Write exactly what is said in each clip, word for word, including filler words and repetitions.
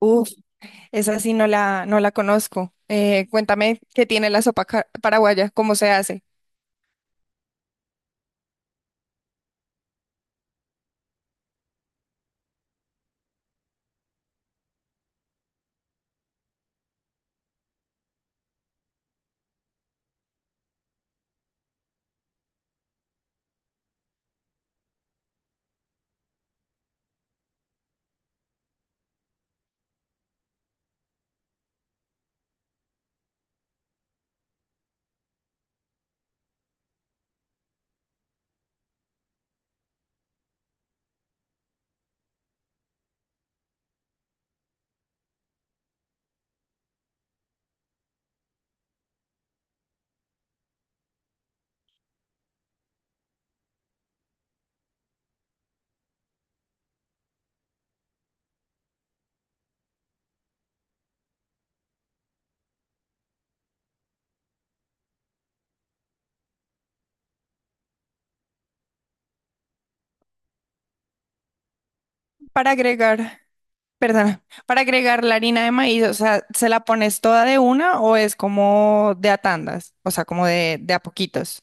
Uf, esa sí no la, no la conozco. Eh, cuéntame qué tiene la sopa ca- paraguaya, cómo se hace. Para agregar, perdona, para agregar la harina de maíz, o sea, ¿se la pones toda de una o es como de a tandas? O sea, como de, de a poquitos.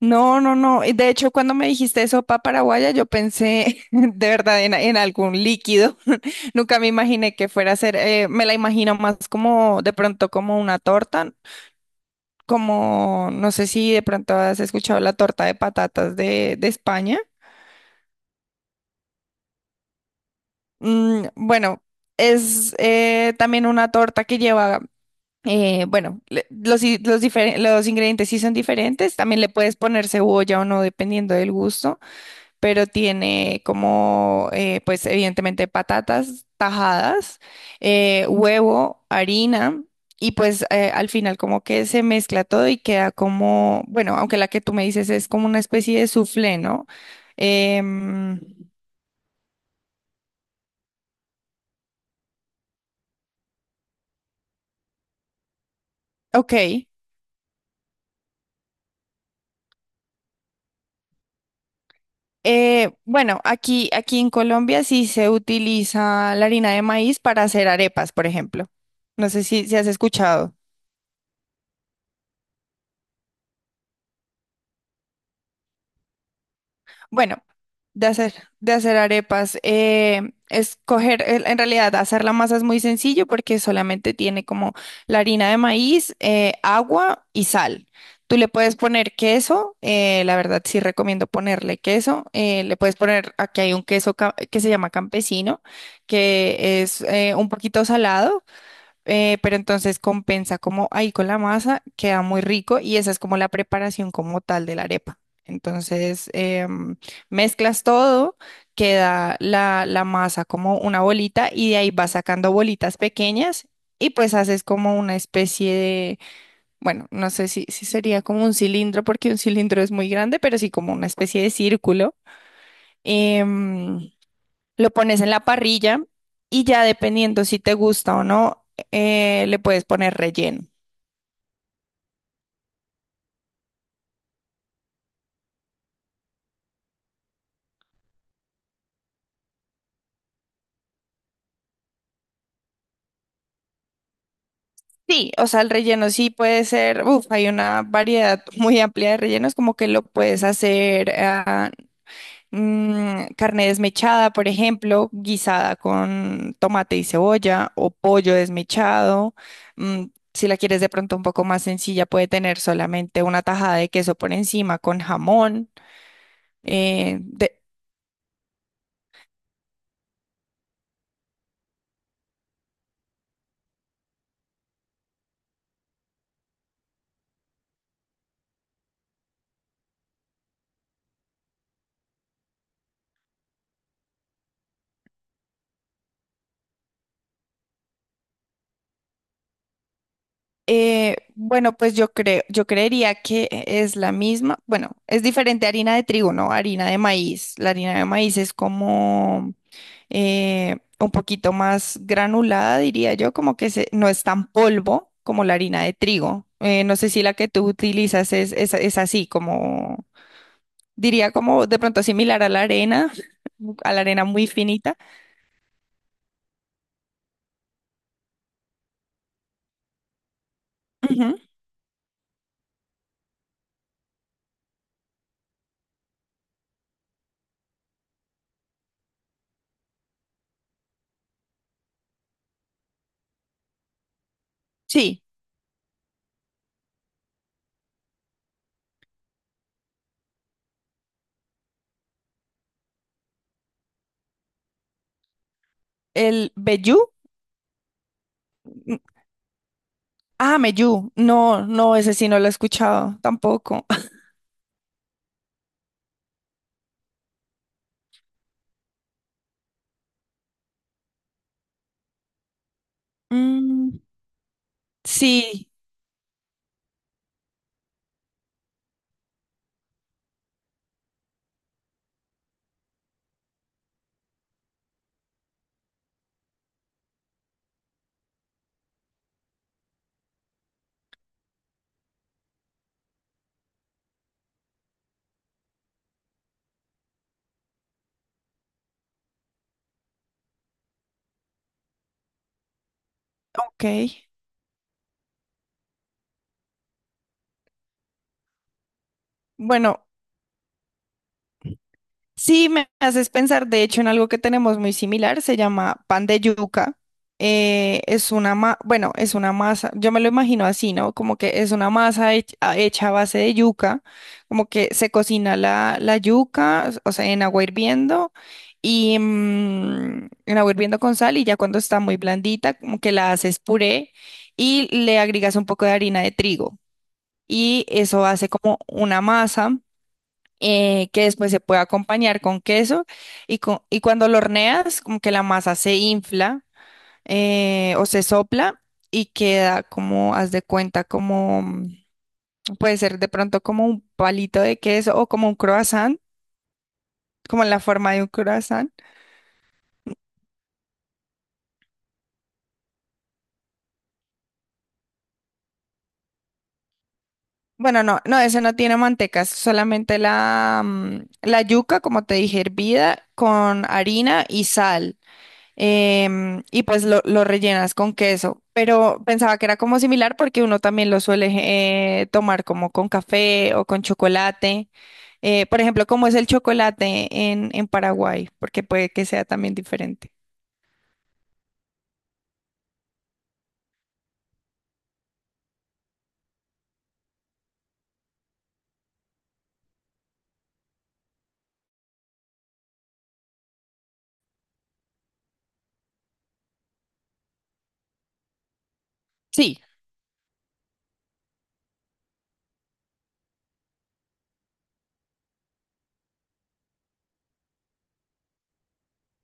No, no, no. y De hecho, cuando me dijiste sopa paraguaya, yo pensé de verdad en, en algún líquido. Nunca me imaginé que fuera a ser, eh, me la imagino más como de pronto como una torta. Como no sé si de pronto has escuchado la torta de patatas de, de España. Mm, bueno, es eh, también una torta que lleva, eh, bueno, le- los, i- los, difer- los ingredientes sí son diferentes, también le puedes poner cebolla o no, dependiendo del gusto. Pero tiene como, eh, pues evidentemente patatas tajadas, eh, huevo, harina. Y pues eh, al final como que se mezcla todo y queda como, bueno, aunque la que tú me dices es como una especie de soufflé, ¿no? Em, ok. Eh, bueno, aquí, aquí en Colombia sí se utiliza la harina de maíz para hacer arepas, por ejemplo. No sé si, si has escuchado. Bueno, de hacer, de hacer arepas, eh, es coger, en en realidad hacer la masa es muy sencillo porque solamente tiene como la harina de maíz, eh, agua y sal. Tú le puedes poner queso, eh, la verdad sí recomiendo ponerle queso, eh, le puedes poner, aquí hay un queso ca- que se llama campesino, que es eh, un poquito salado, eh, pero entonces compensa como ahí con la masa, queda muy rico y esa es como la preparación como tal de la arepa. Entonces em, mezclas todo, queda la, la masa como una bolita y de ahí vas sacando bolitas pequeñas y pues haces como una especie de, bueno, no sé si, si sería como un cilindro porque un cilindro es muy grande, pero sí como una especie de círculo. Em, lo pones en la parrilla y ya dependiendo si te gusta o no, eh, le puedes poner relleno. Sí, o sea, el relleno sí puede ser, uf, hay una variedad muy amplia de rellenos, como que lo puedes hacer ah, mm, carne desmechada, por ejemplo, guisada con tomate y cebolla o pollo desmechado. mm, si la quieres de pronto un poco más sencilla, puede tener solamente una tajada de queso por encima con jamón. Eh, de- Eh, bueno, pues yo creo, yo creería que es la misma. Bueno, es diferente a harina de trigo, ¿no? Harina de maíz. La harina de maíz es como eh, un poquito más granulada, diría yo, como que se- no es tan polvo como la harina de trigo. Eh, no sé si la que tú utilizas es, es, es así, como diría como de pronto similar a la arena, a la arena muy finita. Ujú. Sí, el vellú. Mm, ah, meyú. No, no, ese sí no lo he escuchado tampoco. Mm, sí, ok. Bueno, sí me haces pensar, de hecho, en algo que tenemos muy similar, se llama pan de yuca. Eh, es una ma- bueno, es una masa, yo me lo imagino así, ¿no? Como que es una masa hech- a- hecha a base de yuca, como que se cocina la, la yuca, o sea, en agua hirviendo y mm, en agua hirviendo con sal y ya cuando está muy blandita, como que la haces puré y le agregas un poco de harina de trigo. Y eso hace como una masa eh, que después se puede acompañar con queso y, cu- y cuando lo horneas como que la masa se infla eh, o se sopla y queda como, haz de cuenta, como mm, puede ser de pronto como un palito de queso o como un croissant, como la forma de un croissant. Bueno, no, no, ese no tiene manteca, es solamente la, mm, la yuca, como te dije, hervida con harina y sal. Em, y pues lo, lo rellenas con queso. Pero pensaba que era como similar porque uno también lo suele eh, tomar como con café o con chocolate. Eh, por ejemplo, ¿cómo es el chocolate en, en Paraguay? Porque puede que sea también diferente. Sí,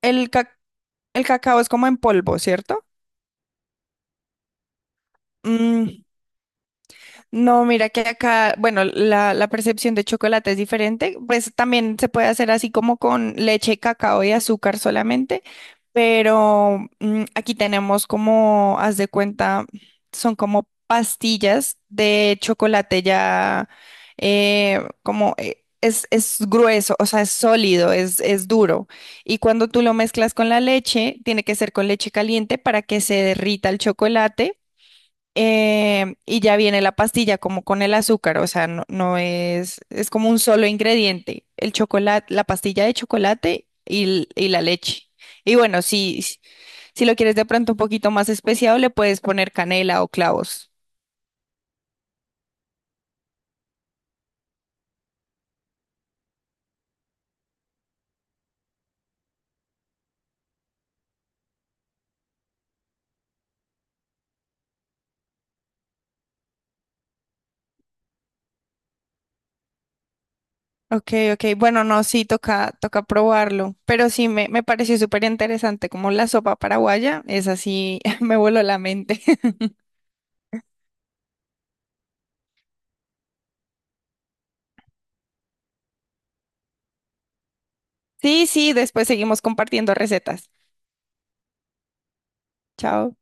el, ca- el cacao es como en polvo, ¿cierto? Mm, no, mira que acá, bueno, la, la percepción de chocolate es diferente, pues también se puede hacer así como con leche, cacao y azúcar solamente, pero mm, aquí tenemos como, haz de cuenta, son como pastillas de chocolate ya, eh, como eh, es, es grueso, o sea, es sólido, es, es duro, y cuando tú lo mezclas con la leche, tiene que ser con leche caliente para que se derrita el chocolate eh, y ya viene la pastilla como con el azúcar, o sea, no, no es, es como un solo ingrediente, el chocolate, la pastilla de chocolate y, l- y la leche. Y bueno, si, si si lo quieres de pronto un poquito más especiado, le puedes poner canela o clavos. Ok, ok, bueno, no, sí, toca, toca probarlo, pero sí, me, me pareció súper interesante como la sopa paraguaya, es así, me voló la mente. Sí, sí, después seguimos compartiendo recetas. Chao.